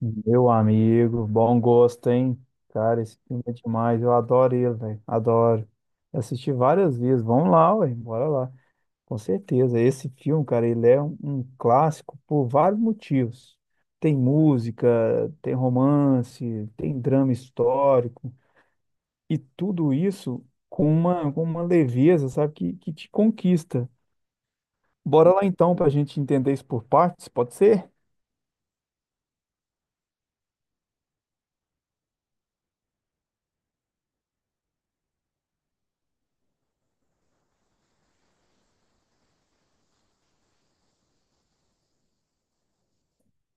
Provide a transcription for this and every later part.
Meu amigo, bom gosto, hein? Cara, esse filme é demais. Eu adoro ele, velho. Adoro. Eu assisti várias vezes. Vamos lá, ué. Bora lá. Com certeza. Esse filme, cara, ele é um clássico por vários motivos. Tem música, tem romance, tem drama histórico. E tudo isso com uma leveza, sabe, que te conquista. Bora lá então, pra gente entender isso por partes, pode ser?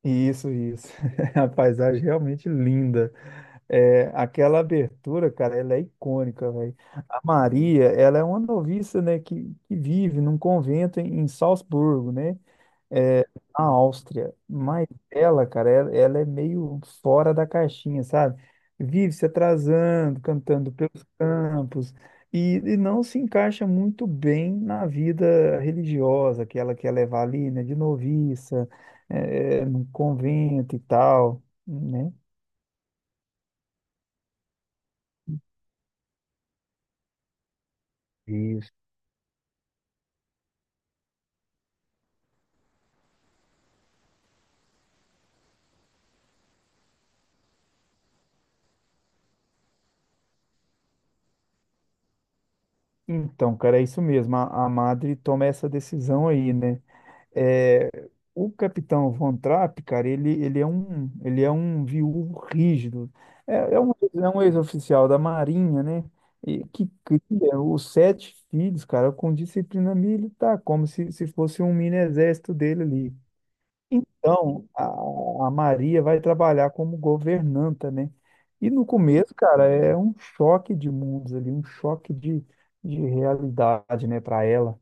Isso. A paisagem é realmente linda. É, aquela abertura, cara, ela é icônica, velho. A Maria, ela é uma noviça, né, que vive num convento em Salzburgo, né, é, na Áustria. Mas ela, cara, ela é meio fora da caixinha, sabe? Vive se atrasando, cantando pelos campos e não se encaixa muito bem na vida religiosa que ela quer levar ali, né, de noviça, é, no convento e tal, né? Então, cara, é isso mesmo. A Madre toma essa decisão aí, né? É, o Capitão Von Trapp, cara, ele é um, ele é um viúvo rígido. É um ex-oficial da Marinha, né? E que cria os sete filhos, cara, com disciplina militar, como se fosse um mini exército dele ali. Então, a Maria vai trabalhar como governanta, né? E no começo, cara, é um choque de mundos ali, um choque de realidade, né, para ela.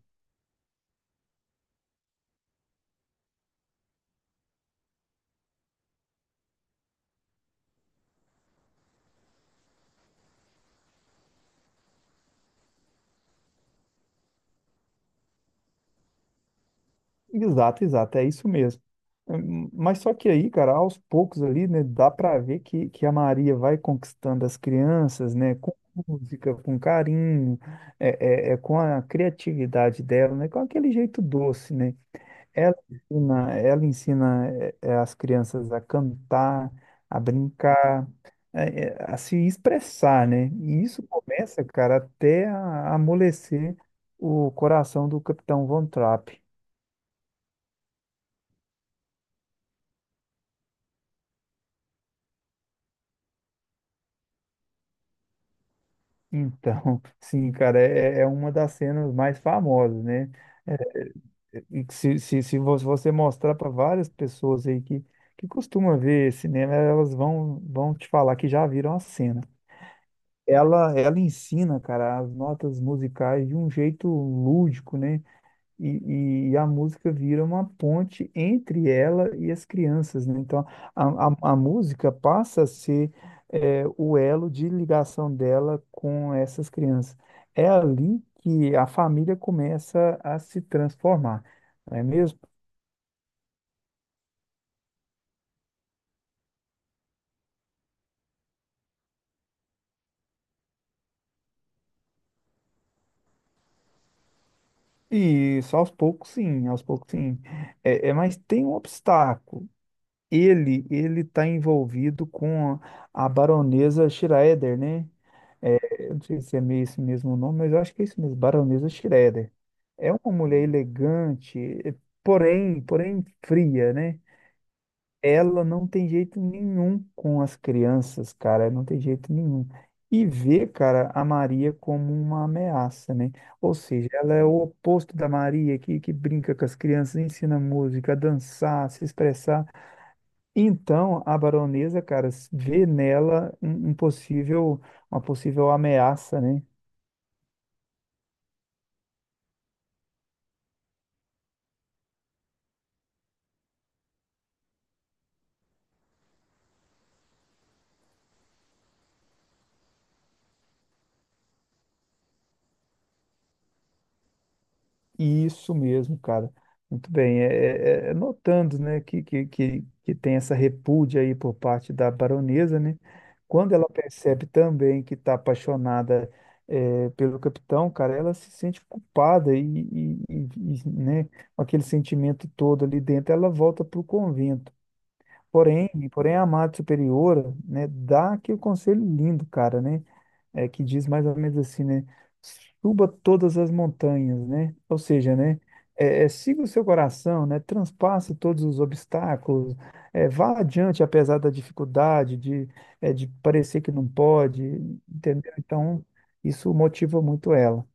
Exato, exato, é isso mesmo. Mas só que aí, cara, aos poucos ali, né, dá para ver que a Maria vai conquistando as crianças, né, com música, com carinho, com a criatividade dela, né, com aquele jeito doce, né? Ela ensina as crianças a cantar, a brincar, a se expressar, né? E isso começa, cara, até a amolecer o coração do Capitão Von Trapp. Então, sim, cara, é, é uma das cenas mais famosas, né? É, e que se vo- você mostrar para várias pessoas aí que costumam ver cinema, elas vão, vão te falar que já viram a cena. Ela ensina, cara, as notas musicais de um jeito lúdico, né? E a música vira uma ponte entre ela e as crianças, né? Então, a música passa a ser é, o elo de ligação dela com essas crianças. É ali que a família começa a se transformar, não é mesmo? E só aos poucos, sim, aos poucos, sim. É, é, mas tem um obstáculo. Ele está envolvido com a baronesa Schroeder, né? É, eu não sei se é meio esse mesmo nome, mas eu acho que é isso mesmo, baronesa Schroeder. É uma mulher elegante, eh, porém fria, né? Ela não tem jeito nenhum com as crianças, cara, não tem jeito nenhum. E vê, cara, a Maria como uma ameaça, né? Ou seja, ela é o oposto da Maria, que brinca com as crianças, ensina música, a dançar, a se expressar. Então, a baronesa, cara, s- vê nela um, um possível, uma possível ameaça, né? Isso mesmo, cara. Muito bem. É notando, né, que tem essa repúdia aí por parte da baronesa, né? Quando ela percebe também que está apaixonada, é, pelo capitão, cara, ela se sente culpada né, com aquele sentimento todo ali dentro, ela volta para o convento. Porém a amada superiora, né, dá aquele conselho lindo, cara, né? É, que diz mais ou menos assim, né? Suba todas as montanhas, né? Ou seja, né? Siga o seu coração, né? Transpasse todos os obstáculos, é, vá adiante apesar da dificuldade, de, é, de parecer que não pode, entendeu? Então, isso motiva muito ela.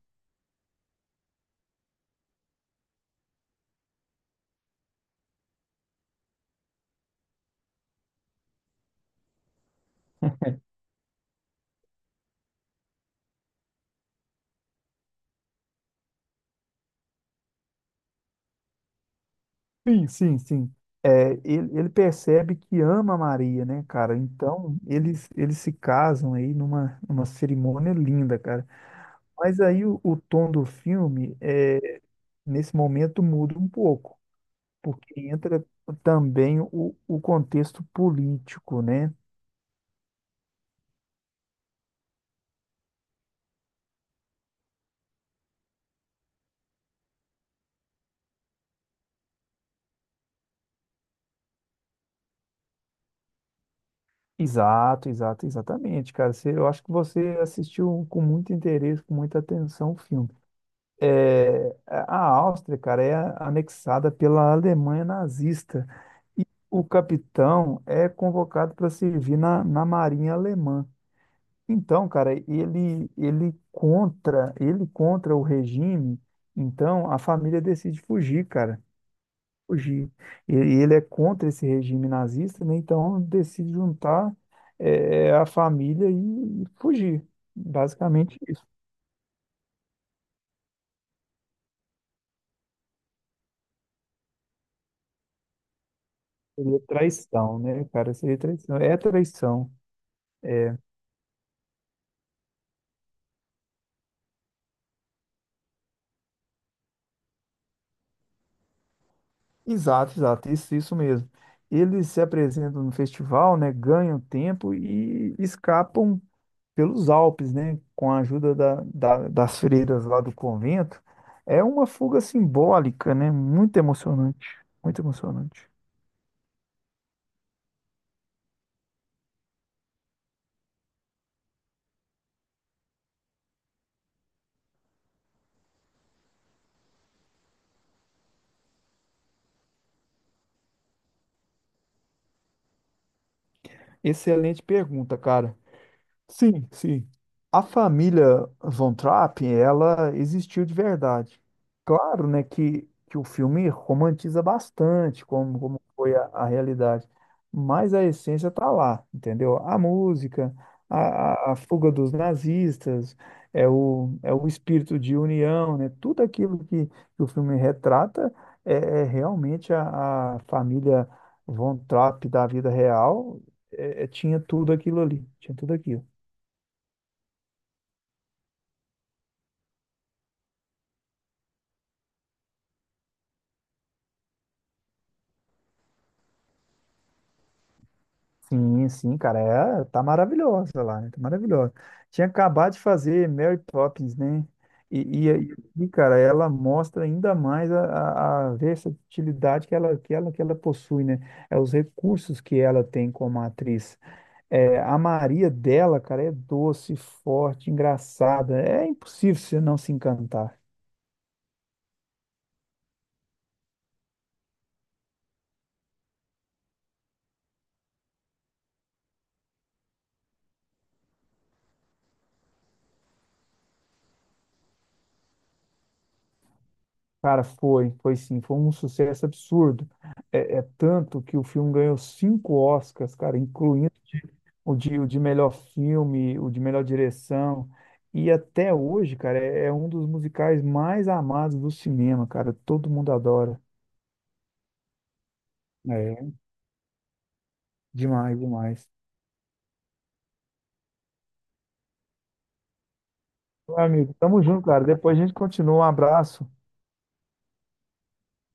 Sim, sim, sim. É, ele percebe que ama a Maria, né, cara? Então, eles se casam aí numa cerimônia linda, cara. Mas aí o tom do filme, é, nesse momento, muda um pouco, porque entra também o contexto político, né? Exato, exato, exatamente, cara. Você- eu acho que você assistiu com muito interesse, com muita atenção o filme. É, a Áustria, cara, é anexada pela Alemanha nazista. E o capitão é convocado para servir na Marinha Alemã. Então, cara, ele contra o regime, então a família decide fugir, cara, fugir. E ele é contra esse regime nazista, né? Então decide juntar a família e fugir. Basicamente isso. Seria traição, né, cara? Seria traição. É traição. Exato, exato, isso mesmo. Eles se apresentam no festival, né, ganham tempo e escapam pelos Alpes, né, com a ajuda das freiras lá do convento. É uma fuga simbólica, né, muito emocionante, muito emocionante. Excelente pergunta, cara. Sim, sim. A família Von Trapp, ela existiu de verdade. Claro, né, que o filme romantiza bastante como, como foi a realidade, mas a essência tá lá, entendeu? A música, a fuga dos nazistas, é o espírito de união, né? Tudo aquilo que o filme retrata é, é realmente a família Von Trapp da vida real, tinha tudo aquilo ali, tinha tudo aquilo. Sim, sim, cara, é, tá maravilhosa lá, né? Tá maravilhosa. Tinha acabado de fazer Mary Poppins, né? E, aí, e, cara, ela mostra ainda mais a versatilidade que ela possui, né? É os recursos que ela tem como atriz. É, a Maria dela, cara, é doce, forte, engraçada. É impossível você não se encantar. Cara, foi, foi sim, foi um sucesso absurdo. É, é tanto que o filme ganhou cinco Oscars, cara, incluindo o de melhor filme, o de melhor direção. E até hoje, cara, é, é um dos musicais mais amados do cinema, cara. Todo mundo adora. É, demais, demais. Meu amigo, tamo junto, cara. Depois a gente continua. Um abraço.